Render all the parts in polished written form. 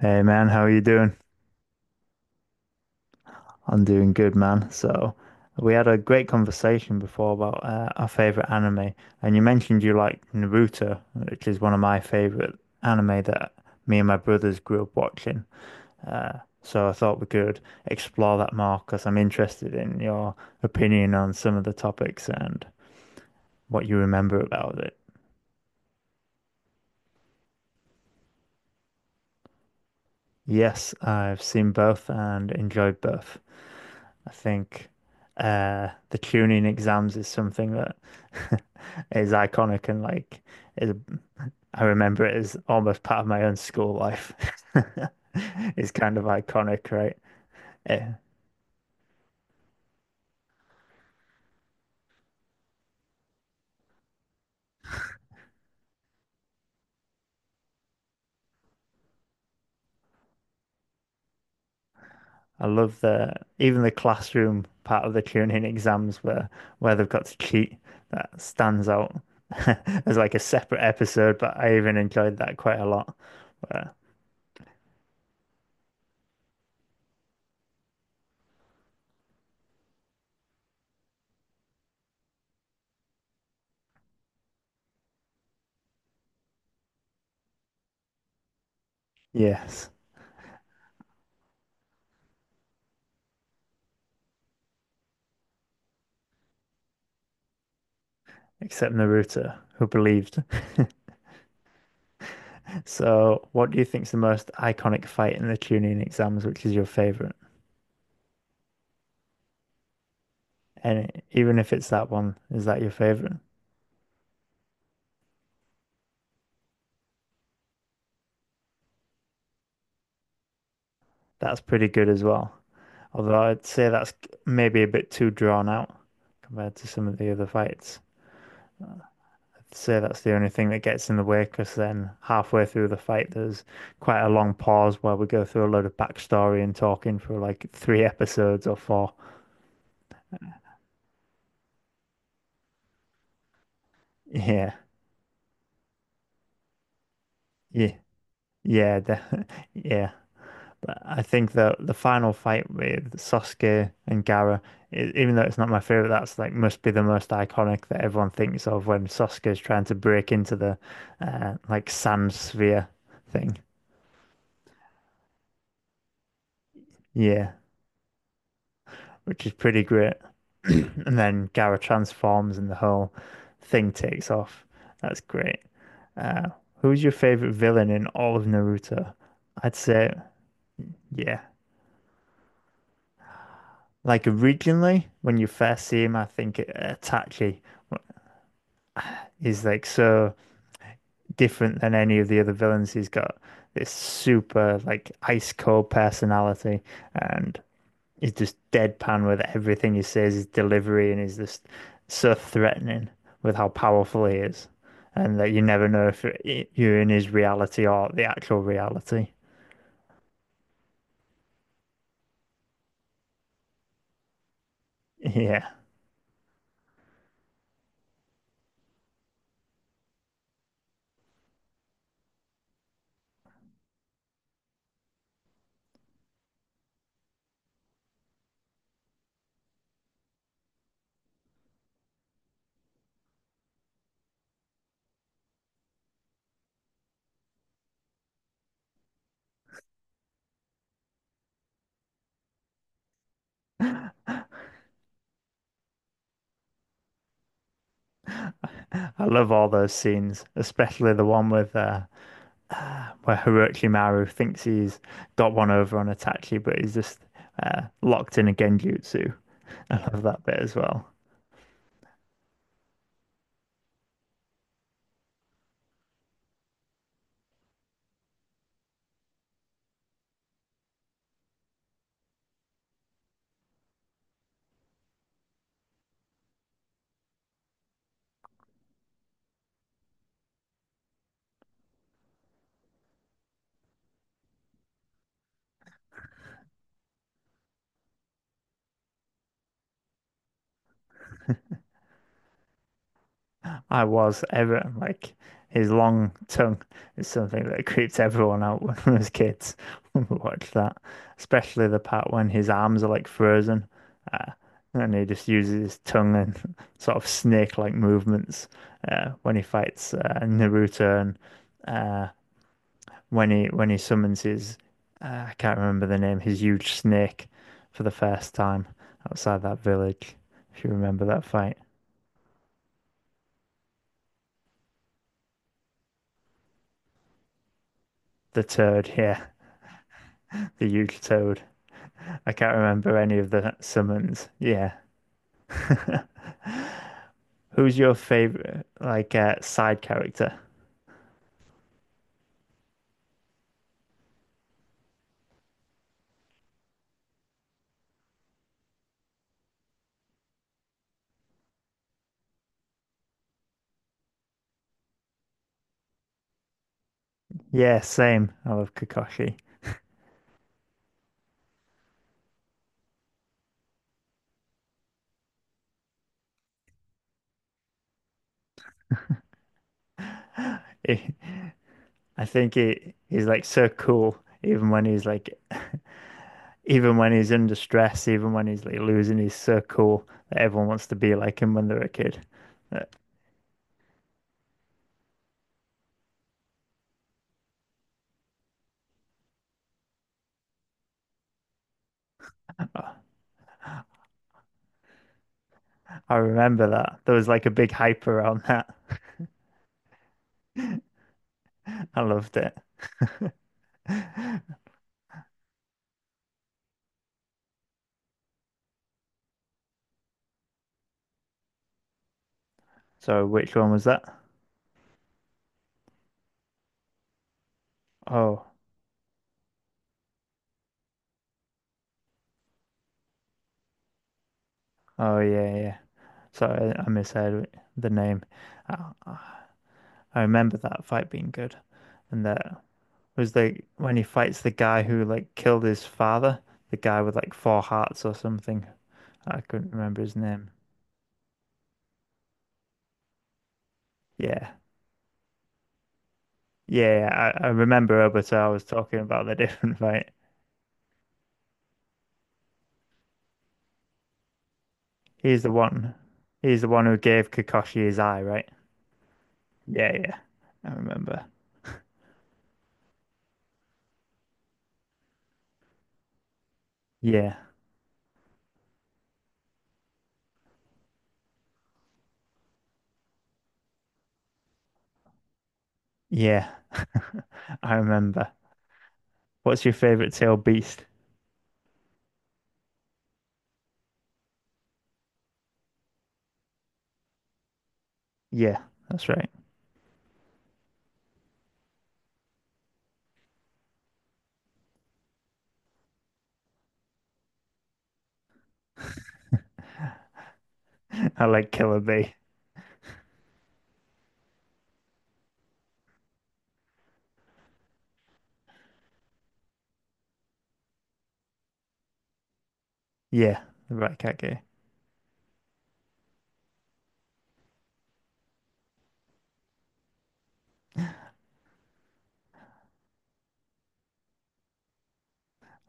Hey man, how are you doing? I'm doing good, man. So, we had a great conversation before about our favorite anime, and you mentioned you like Naruto, which is one of my favorite anime that me and my brothers grew up watching. So I thought we could explore that more because I'm interested in your opinion on some of the topics and what you remember about it. Yes, I've seen both and enjoyed both. I think the tuning exams is something that is iconic and like is I remember it as almost part of my own school life. It's kind of iconic, right? Eh, I love the even the classroom part of the tuning exams where they've got to cheat. That stands out as like a separate episode, but I even enjoyed that quite a lot. But yes. Except Naruto, who believed. So, what do you think is the most iconic fight in the Chunin exams, which is your favorite? And even if it's that one, is that your favorite? That's pretty good as well. Although I'd say that's maybe a bit too drawn out compared to some of the other fights. I'd say that's the only thing that gets in the way because then halfway through the fight, there's quite a long pause where we go through a load of backstory and talking for like three episodes or four. Yeah, yeah, yeah, yeah. But I think that the final fight with Sasuke and Gaara, even though it's not my favorite, that's like must be the most iconic that everyone thinks of when Sasuke is trying to break into the like sand sphere thing. Yeah, which is pretty great. And then Gaara transforms and the whole thing takes off. That's great. Uh, Who's your favorite villain in all of Naruto? I'd say, yeah. Like originally, when you first see him, I think Itachi. He's like so different than any of the other villains. He's got this super like ice cold personality and he's just deadpan with everything he says, his delivery, and he's just so threatening with how powerful he is. And that you never know if you're in his reality or the actual reality. Yeah. I love all those scenes, especially the one with where Hiroki Maru thinks he's got one over on Itachi, but he's just locked in a genjutsu. I love that bit as well. I was ever like his long tongue is something that creeps everyone out when we was kids. Watch that, especially the part when his arms are like frozen, uh, and he just uses his tongue and sort of snake-like movements when he fights Naruto and uh, when he summons his I can't remember the name, his huge snake for the first time outside that village. If you remember that fight. The toad, yeah, the huge toad. I can't remember any of the summons. Yeah. Who's your favorite like side character? Yeah, same. I love Kakashi. If, I think he's like so cool, even when he's like, even when he's under stress, even when he's like losing, he's so cool that everyone wants to be like him when they're a kid. Uh, I remember that. There was like a big hype around that. I loved it. So which one was that? Oh, oh yeah, yeah. Sorry, I misheard the name. I remember that fight being good, and that. It was like when he fights the guy who like killed his father, the guy with like four hearts or something. I couldn't remember his name. Yeah. Yeah, yeah, I remember Obito. I was talking about the different fight. He's the one. He's the one who gave Kakashi his eye, right? Yeah, yeah. I remember. Yeah. Yeah. I remember. What's your favorite tail beast? Yeah, that's right. I like Killer Bee. Yeah, the Rat Cat game.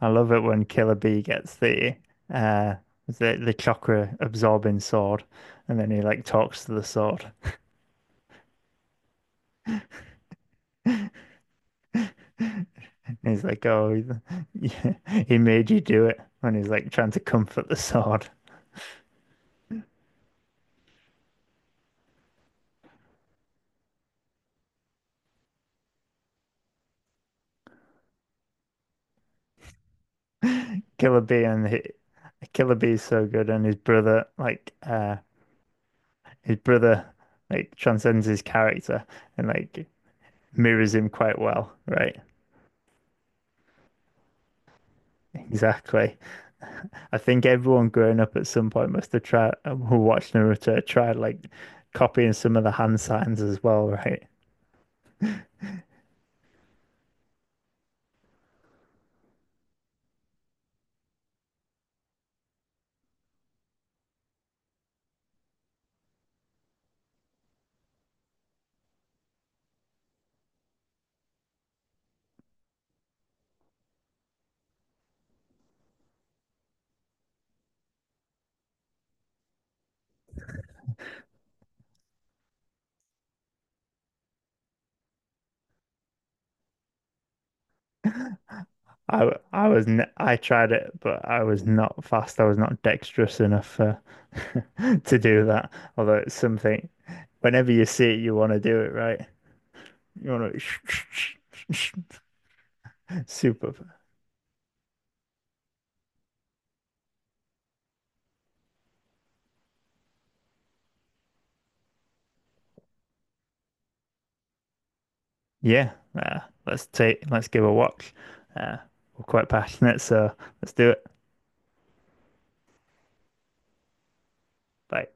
I love it when Killer Bee gets the uh the chakra absorbing sword, and then he like talks to the sword. And he's like, "Oh, he he made you do it." When he's like trying to comfort the sword, Killer Bee and he, Killer Bee is so good, and his brother like transcends his character and like mirrors him quite well, right? Exactly. I think everyone growing up at some point must have tried, who watched Naruto, tried like copying some of the hand signs as well, right? I was n I tried it, but I was not fast. I was not dexterous enough to do that. Although it's something, whenever you see it, you want to do it, right? You want to super. Yeah, uh, let's take let's give a watch. Uh, we're quite passionate, so let's do it. Bye.